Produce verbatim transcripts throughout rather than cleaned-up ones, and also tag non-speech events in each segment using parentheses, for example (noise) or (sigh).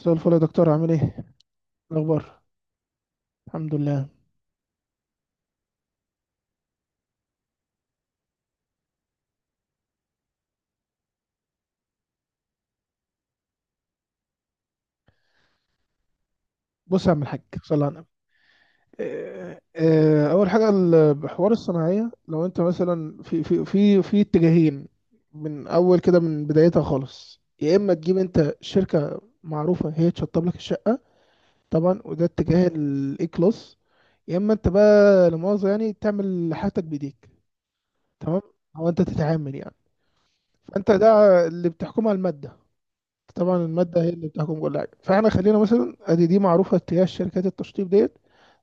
مساء الفل يا دكتور، عامل ايه؟ إيه الاخبار؟ الحمد لله. بص يا عم الحاج، صلى على النبي. آه، آه، اول حاجه ال- حوار الصناعيه، لو انت مثلا في في في في اتجاهين، من اول كده من بدايتها خالص، يا اما تجيب انت شركه معروفه هي تشطب لك الشقه، طبعا وده اتجاه الاي كلاس، يا اما انت بقى لا مؤاخذه يعني تعمل حاجتك بايديك، تمام، او انت تتعامل يعني، فانت ده اللي بتحكمها الماده. طبعا المادة هي اللي بتحكم كل حاجة، فاحنا خلينا مثلا ادي دي معروفة، اتجاه شركات التشطيب ديت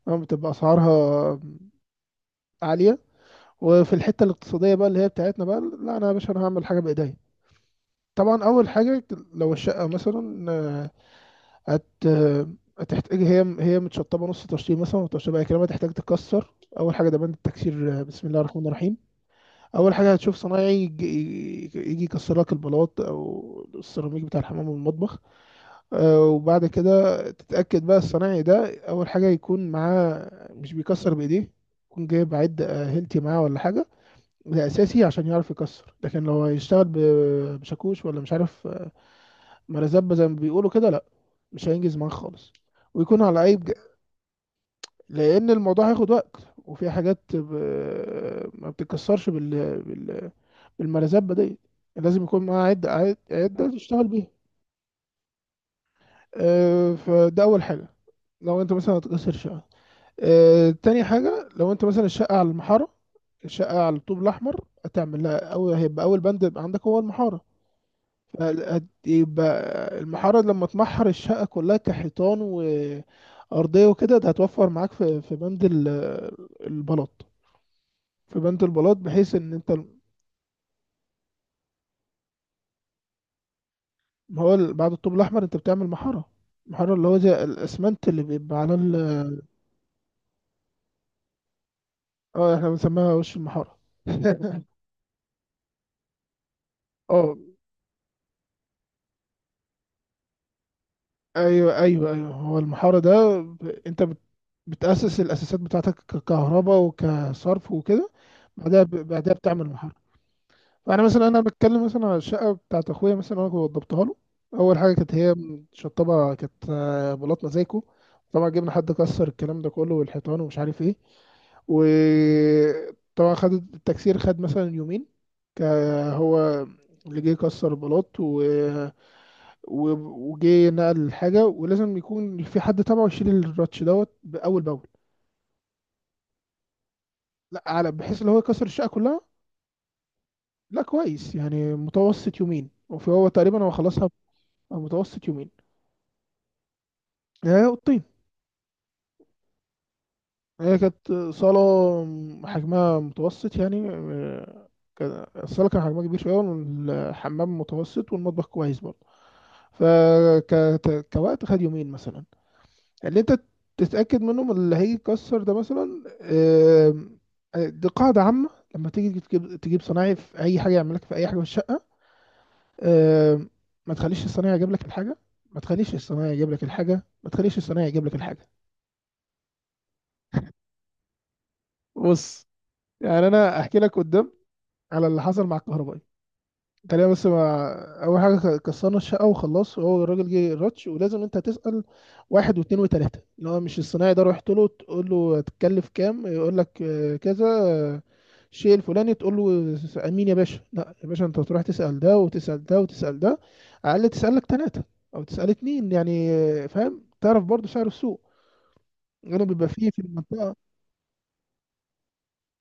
أما بتبقى اسعارها عالية. وفي الحتة الاقتصادية بقى اللي هي بتاعتنا بقى، لا انا يا باشا انا هعمل حاجة بايديا. طبعا اول حاجة لو الشقة مثلا آه، هت آه، هتحتاج، هي هي متشطبة نص تشطيب مثلا، وتشطيبها هي كلمة تحتاج تتكسر. اول حاجة ده بند التكسير. آه، بسم الله الرحمن الرحيم. اول حاجة هتشوف صنايعي، يجي يجي يكسر لك البلاط او السيراميك بتاع الحمام والمطبخ. آه، وبعد كده تتأكد بقى الصنايعي ده، أول حاجة يكون معاه، مش بيكسر بإيديه، يكون جايب عد آه، هيلتي معاه ولا حاجة، ده أساسي عشان يعرف يكسر. لكن لو هيشتغل ب- بشاكوش، ولا مش عارف آه، مرزبة زي ما بيقولوا كده، لأ، مش هينجز معاه خالص، ويكون على أي بج... لأن الموضوع هياخد وقت، وفي حاجات ب... ما بتتكسرش بال... بال... بالمرزبة دي، لازم يكون معاه عدة عدة عدة تشتغل بيها. آه، فده أول حاجة لو أنت مثلا هتكسر شقة. آه، تاني حاجة لو انت مثلا الشقة على المحارة، الشقة على الطوب الأحمر هتعمل لها، أو هيبقى أول بند يبقى عندك هو المحارة. فهتبقى المحارة لما تمحر الشقة كلها كحيطان وأرضية وكده، ده هتوفر معاك في في بند ال- البلاط، في بند البلاط، بحيث إن انت. ما هو ال- بعد الطوب الأحمر انت بتعمل محارة، محارة اللي هو زي الأسمنت اللي بيبقى على ال. اه احنا بنسميها وش المحارة. (laughs) اه، ايوه ايوه ايوه، هو المحاره ده ب- انت بت- بتاسس الاساسات بتاعتك ككهرباء وكصرف وكده. بعدها ب- بعدها بتعمل محاره. فانا مثلا انا بتكلم مثلا على الشقه بتاعت اخويا، مثلا انا كنت وضبتها له. اول حاجه كانت هي شطبه، كانت آه، بلاط مزايكو. طبعا جبنا حد كسر الكلام ده كله والحيطان ومش عارف ايه، وطبعا خد التكسير، خد مثلا يومين، ك- هو اللي جه كسر البلاط و- وجه نقل الحاجة، ولازم يكون في حد تابعه يشيل الراتش دوت بأول بأول. لا، على بحيث اللي هو يكسر الشقة كلها، لا كويس، يعني متوسط يومين، وفي هو تقريبا هو خلصها ب- متوسط يومين. هي أوضتين، هي كانت صالة حجمها متوسط يعني آه، كان- الصالة كان حجمها كبير شوية، والحمام متوسط، والمطبخ كويس برضه، فكوقت خد يومين مثلا. اللي انت تتأكد منهم اللي هيكسر ده مثلا، آم، آه، دي قاعدة عامة، لما تيجي تجيب تجيب صنايعي في أي حاجة يعمل لك في أي حاجة في الشقة، آم، ما تخليش الصنايعي يجيب لك الحاجة، ما تخليش الصنايعي يجيب لك الحاجة، ما تخليش الصنايعي يجيب لك الحاجة. بص، يعني أنا أحكي لك قدام على اللي حصل مع الكهربائي تقريبا. بس ما اول حاجه كسرنا الشقه وخلاص، وهو الراجل جه راتش، ولازم انت تسال واحد واثنين وثلاثه اللي هو مش الصنايعي ده، رحت له تقول له هتتكلف كام، يقول لك آه، كذا، آه، الشيء الفلاني، تقول له س- مين يا باشا؟ لا يا باشا، انت تروح تسال ده وتسال ده وتسال ده، على الاقل تسال لك ثلاثه او تسال اتنين، يعني آه، فاهم، تعرف برضو سعر السوق، غير بيبقى فيه في المنطقه.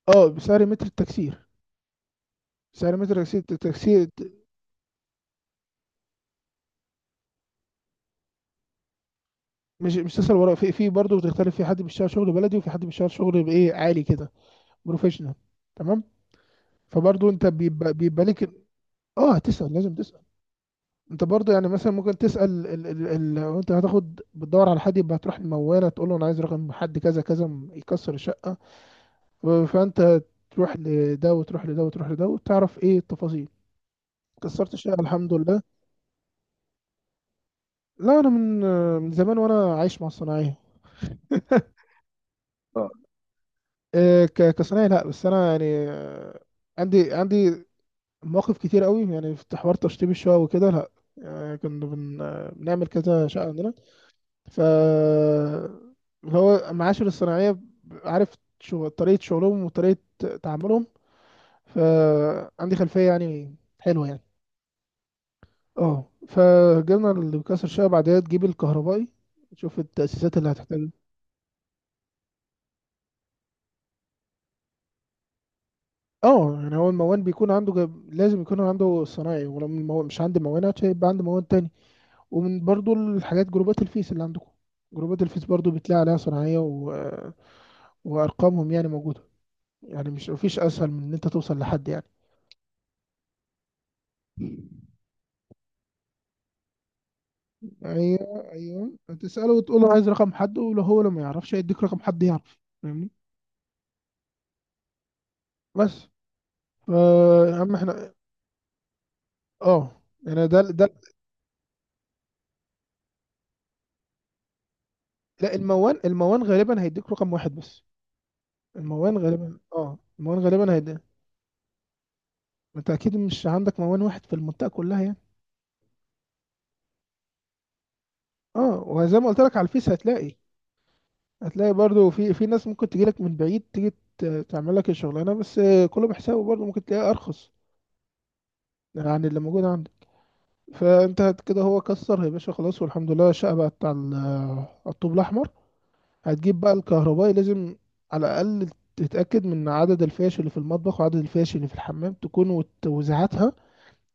اه، بسعر متر التكسير، سعر متر التكسير التكسير. مش مش تسأل ورا، في في برضه بتختلف، في حد بيشتغل شغل بلدي، وفي حد بيشتغل شغل بايه، عالي كده، بروفيشنال، تمام. فبرضه انت بيبقى بيبقى لك. اه تسأل، لازم تسأل، انت برضه يعني مثلا ممكن تسأل ال ال ال لو انت هتاخد بتدور على حد، يبقى هتروح الموالة تقول له انا عايز رقم حد كذا كذا م- يكسر الشقة، فانت تروح لده وتروح لده وتروح لده وتعرف ايه التفاصيل، كسرت الشقة الحمد لله. لا انا من من زمان وانا عايش مع الصناعية. (laughs) آه، ك- كصناعي لا، بس انا يعني آه، عندي عندي مواقف كتير قوي يعني في حوار تشطيب الشقق وكده، لا يعني كنا بن... آه، بنعمل كذا شقة عندنا، ف اللي هو معاشر الصناعية ب- عارف شو... طريقة شغلهم وطريقة تعاملهم، فعندي خلفية يعني حلوة يعني. اه، فجبنا اللي بيكسر الشقة، بعدها تجيب الكهربائي تشوف التأسيسات اللي هتحتاجها. اه يعني هو الموان بيكون عنده جب... لازم يكون عنده صناعي، ولو المو... مش عندي موانات هيبقى عندي موان تاني. ومن برضو الحاجات جروبات الفيس اللي عندكم، جروبات الفيس برضو بتلاقي عليها صناعية و... وأرقامهم يعني موجودة، يعني مش مفيش أسهل من إن أنت توصل لحد يعني. أيوه أيوه، تسأله وتقول له عايز رقم حد، ولو هو لو ما يعرفش هيديك رقم حد يعرف، فاهمني، بس، فا يا عم احنا، اه يعني ده ده لا، الموان الموان غالبا هيديك رقم واحد بس، الموان غالبا، اه، الموان غالبا هيديك. انت اكيد مش عندك موان واحد في المنطقة كلها يعني. اه، وزي ما قلت لك على الفيس هتلاقي هتلاقي برضو في في ناس ممكن تجيلك من بعيد، تيجي ت- تعمل لك الشغلانه، بس كله بحسابه، برضو ممكن تلاقيها ارخص عن اللي موجود عندك. فانت هت- كده هو كسر يا باشا خلاص، والحمد لله الشقه بقت على ال- على الطوب الاحمر، هتجيب بقى الكهربائي، لازم على الاقل تتاكد من عدد الفيش اللي في المطبخ، وعدد الفيش اللي في الحمام، تكون وت- وزعتها،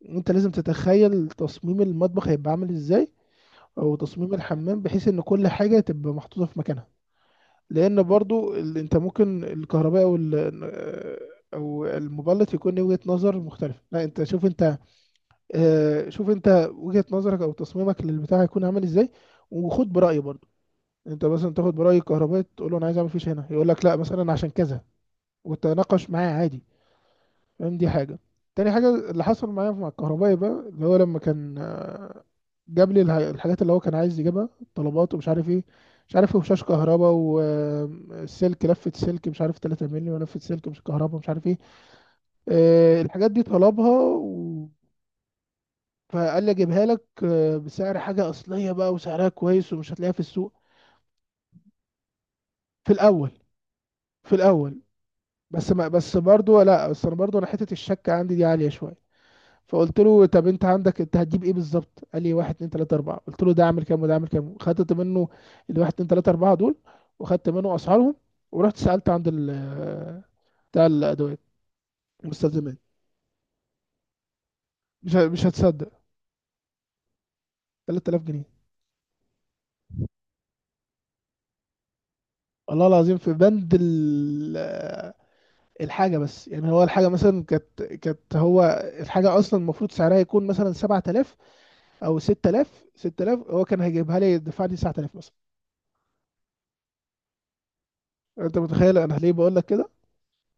وانت لازم تتخيل تصميم المطبخ هيبقى عامل ازاي، او تصميم الحمام، بحيث ان كل حاجه تبقى محطوطه في مكانها، لان برضو ال- انت ممكن الكهرباء او ال- او المبلط يكون ليه وجهة نظر مختلفة، لا انت شوف انت آه، شوف انت وجهة نظرك او تصميمك للبتاع هيكون عامل ازاي، وخد برأي برضو. انت مثلا تاخد برأي الكهربائي تقول له انا عايز اعمل فيش هنا، يقول لك لا مثلا عشان كذا، وتناقش معاه عادي، فاهم، دي حاجة. تاني حاجة اللي حصل معايا مع الكهربائي بقى اللي هو لما كان آه، جاب لي الح- الحاجات اللي هو كان عايز يجيبها، الطلبات ومش عارف ايه، مش عارف ايه، وشاش كهرباء، والسلك، لفة سلك مش عارف تلاتة مللي، ولفة سلك مش كهرباء، مش عارف ايه. آه، الحاجات دي طلبها و... فقال لي اجيبها لك آه، بسعر حاجة أصلية بقى، وسعرها كويس، ومش هتلاقيها في السوق. في الأول في الأول بس ما بس برضو، لا بس انا برضو، انا حتة الشك عندي دي عالية شوية، فقلت له طب انت عندك، انت هتجيب ايه بالظبط؟ قال لي واحد اتنين تلاته اربعه، قلت له ده اعمل كام وده اعمل كام، خدت منه الواحد اتنين تلاته اربعه دول، وخدت منه اسعارهم، ورحت سالت عند ال بتاع الادوات، مستلزمات، مش ه- مش هتصدق، تلات الاف جنيه، الله العظيم. في بند ال- (hesitation) الحاجه، بس يعني هو الحاجه مثلا كانت كانت هو الحاجه اصلا المفروض سعرها يكون مثلا سبعت الاف او ستة الاف، ستة الاف هو كان هيجيبها لي، دفعني تسعت الاف مثلا. انت متخيل انا ليه بقول لك كده؟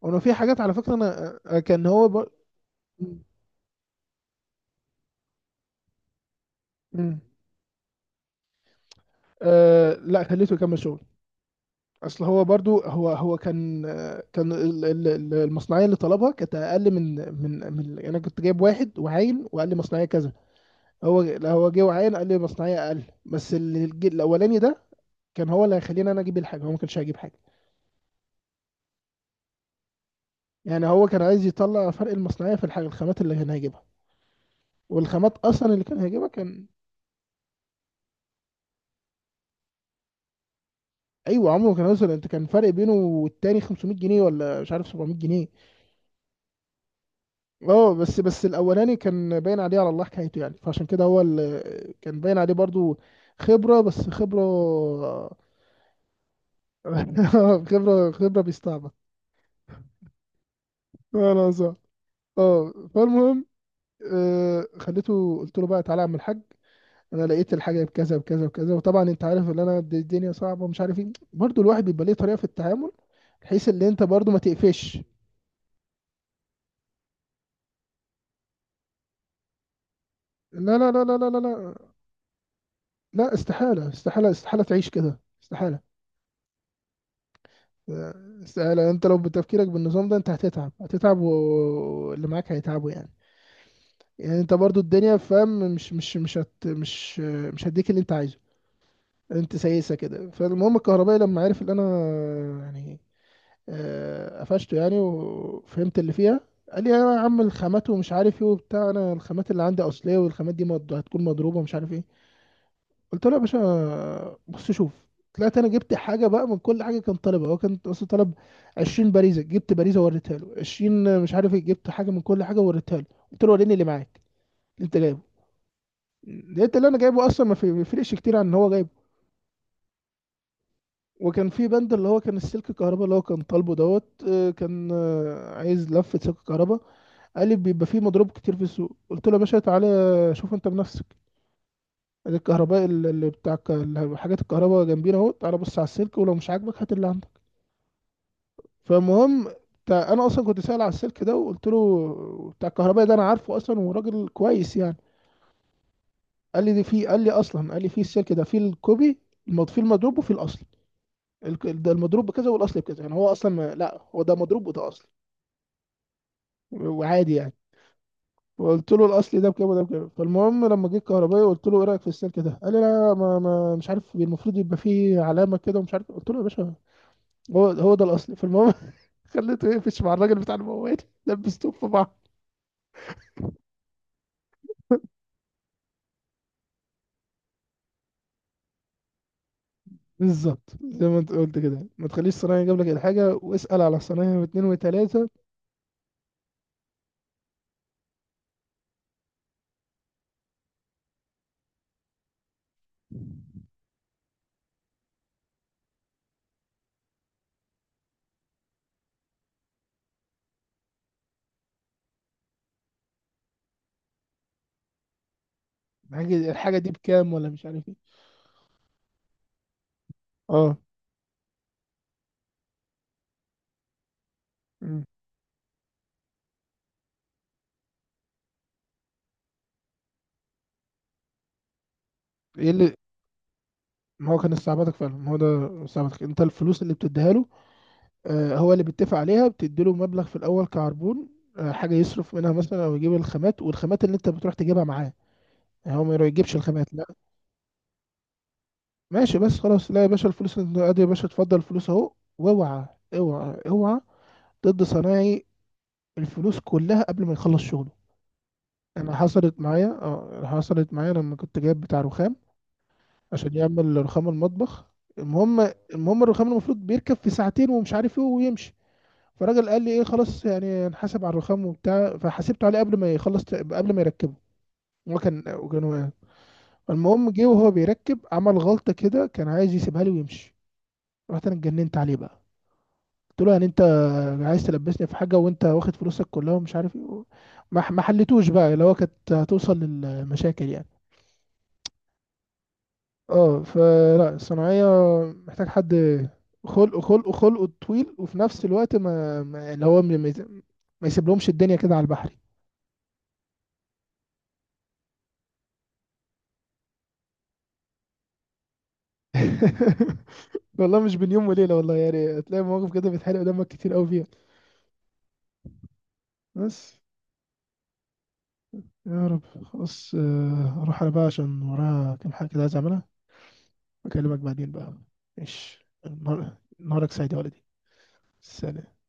وانا في حاجات على فكره انا، آه، آه، كان هو بر... مم. مم. آه لا، خليته يكمل شغل. اصل هو برضو هو هو كان آه، كان ال- ال- ال- المصنعيه اللي طلبها كانت اقل من من من يعني انا كنت جايب واحد وعاين، وقال لي مصنعيه كذا، هو لا، هو جه وعاين قال لي مصنعيه اقل، بس اللي الج- الاولاني ده كان هو اللي هيخليني انا اجيب الحاجه، هو ما كانش هيجيب حاجه، يعني هو كان عايز يطلع فرق المصنعيه في الحاجه الخامات اللي كان هيجيبها، والخامات اصلا اللي كان هيجيبها كان. ايوه، عمره ما كان هيوصل، انت كان فرق بينه والتاني خمسمائة جنيه، ولا مش عارف سبعمائة جنيه. اه بس بس الاولاني كان باين عليه على الله حكايته يعني، فعشان كده هو اللي كان باين عليه برضو خبره، بس خبره. (laughs) خبره خبره بيستعبط، انا صح. اه فالمهم، آه، خليته، قلت له بقى تعالى يا عم الحاج، انا لقيت الحاجه بكذا بكذا بكذا، وطبعا انت عارف ان انا، د- الدنيا صعبه ومش عارف ايه، برضو الواحد بيبقى ليه طريقه في التعامل، بحيث ان انت برضو ما تقفش. لا لا لا لا لا لا لا لا، استحالة استحالة استحالة تعيش كده، استحالة استحالة، انت لو بتفكيرك بالنظام ده انت هتتعب، هتتعب و- واللي معاك هيتعبوا يعني، يعني انت برضو الدنيا فاهم، مش مش مش هت مش مش هديك اللي انت عايزه، انت سايسة كده. فالمهم الكهربائي لما عرف ان انا يعني آه، قفشته يعني، وفهمت اللي فيها، قال لي يا عم الخامات ومش عارف ايه وبتاع، انا الخامات اللي عندي اصلية، والخامات دي مض- هتكون مضروبة ومش عارف ايه، قلت له يا باشا بص شوف، طلعت انا جبت حاجه بقى من كل حاجه كان طالبها، هو كان اصلا طلب 20 باريزه، جبت باريزه ووريتها له، عشرين مش عارف ايه، جبت حاجه من كل حاجه ووريتها له، قلت له وريني اللي معاك اللي انت جايبه، لقيت اللي انا جايبه اصلا ما في- ما يفرقش كتير عن ان هو جايبه. وكان في بند اللي هو كان السلك الكهرباء اللي هو كان طالبه دوت، آه، كان آه، عايز لفه سلك كهرباء، قال لي بيبقى فيه مضروب كتير في السوق، قلت له يا باشا تعالى شوف انت بنفسك، الكهرباء اللي بتاع الك- حاجات الكهرباء جنبينا اهو، تعالى بص على السلك، ولو مش عاجبك هات اللي عندك. فالمهم بتاع انا اصلا كنت سائل على السلك ده، وقلت له بتاع الكهربائي ده انا عارفه اصلا وراجل كويس يعني، قال لي دي في قال لي اصلا قال لي في السلك ده في الكوبي المض- في المضروب وفي الاصل، الك- ده المضروب بكذا والاصل بكذا، يعني هو اصلا ما- لا هو ده مضروب وده اصلي، وعادي يعني، وقلت له الاصلي ده بكام وده بكام. فالمهم لما جه الكهربائي قلت له ايه رايك في السلك ده، قال لي لا ما, ما مش عارف، المفروض يبقى فيه علامه كده ومش عارف، قلت له يا باشا، هو هو ده الاصلي، فالمهم (laughs) خليته يقفش مع الراجل بتاع الموال، لبسته في بعض. بالظبط زي ما انت قلت كده، ما تخليش الصنايعي يجيب لك الحاجه، واسال على الصنايعي واثنين وثلاثه، الحاجه الحاجه دي بكام ولا مش عارف ايه. اه. مم. ايه اللي؟ ما هو كان استعباطك فعلا، ما هو ده استعباطك، انت الفلوس اللي بتديها له، آه هو اللي بيتفق عليها، بتدي له مبلغ في الاول كعربون، آه حاجه يصرف منها مثلا او يجيب الخامات، والخامات اللي انت بتروح تجيبها معاه، يعني هو ما يجيبش الخامات لا. ماشي بس خلاص، لا يا باشا الفلوس انت ادي يا باشا اتفضل الفلوس اهو، واوعى اوعى اوعى ضد صنايعي الفلوس كلها قبل ما يخلص شغله. انا حصلت معايا، اه، حصلت معايا لما كنت جايب بتاع رخام عشان يعمل رخام المطبخ، المهم المهم الرخام المفروض بيركب في ساعتين ومش عارف ايه ويمشي، فالراجل قال لي ايه خلاص، يعني هنحاسب على الرخام وبتاع، فحاسبته عليه قبل ما يخلص قبل ما يركبه، هو كان وكان واقف. المهم جه وهو بيركب عمل غلطة كده، كان عايز يسيبها لي ويمشي، رحت انا اتجننت عليه بقى، قلت له يعني انت عايز تلبسني في حاجة وانت واخد فلوسك كلها ومش عارف ايه، ما ما حلتوش بقى اللي هو كانت هتوصل للمشاكل يعني. اه، فلا الصناعية محتاج حد خلق خلق خلقه طويل، وفي نفس الوقت ما, ما اللي هو ما يس- ما يسيب لهمش الدنيا كده على البحر. (laughs) والله مش بين يوم وليلة والله، يعني هتلاقي مواقف كده بتحرق دمك كتير قوي فيها، بس، يا رب خلاص، آه، اروح انا بقى عشان ورايا كام حاجة كده عايز اعملها، اكلمك بعدين بقى، ماشي، نهار- نهارك سعيد يا ولدي. سلام.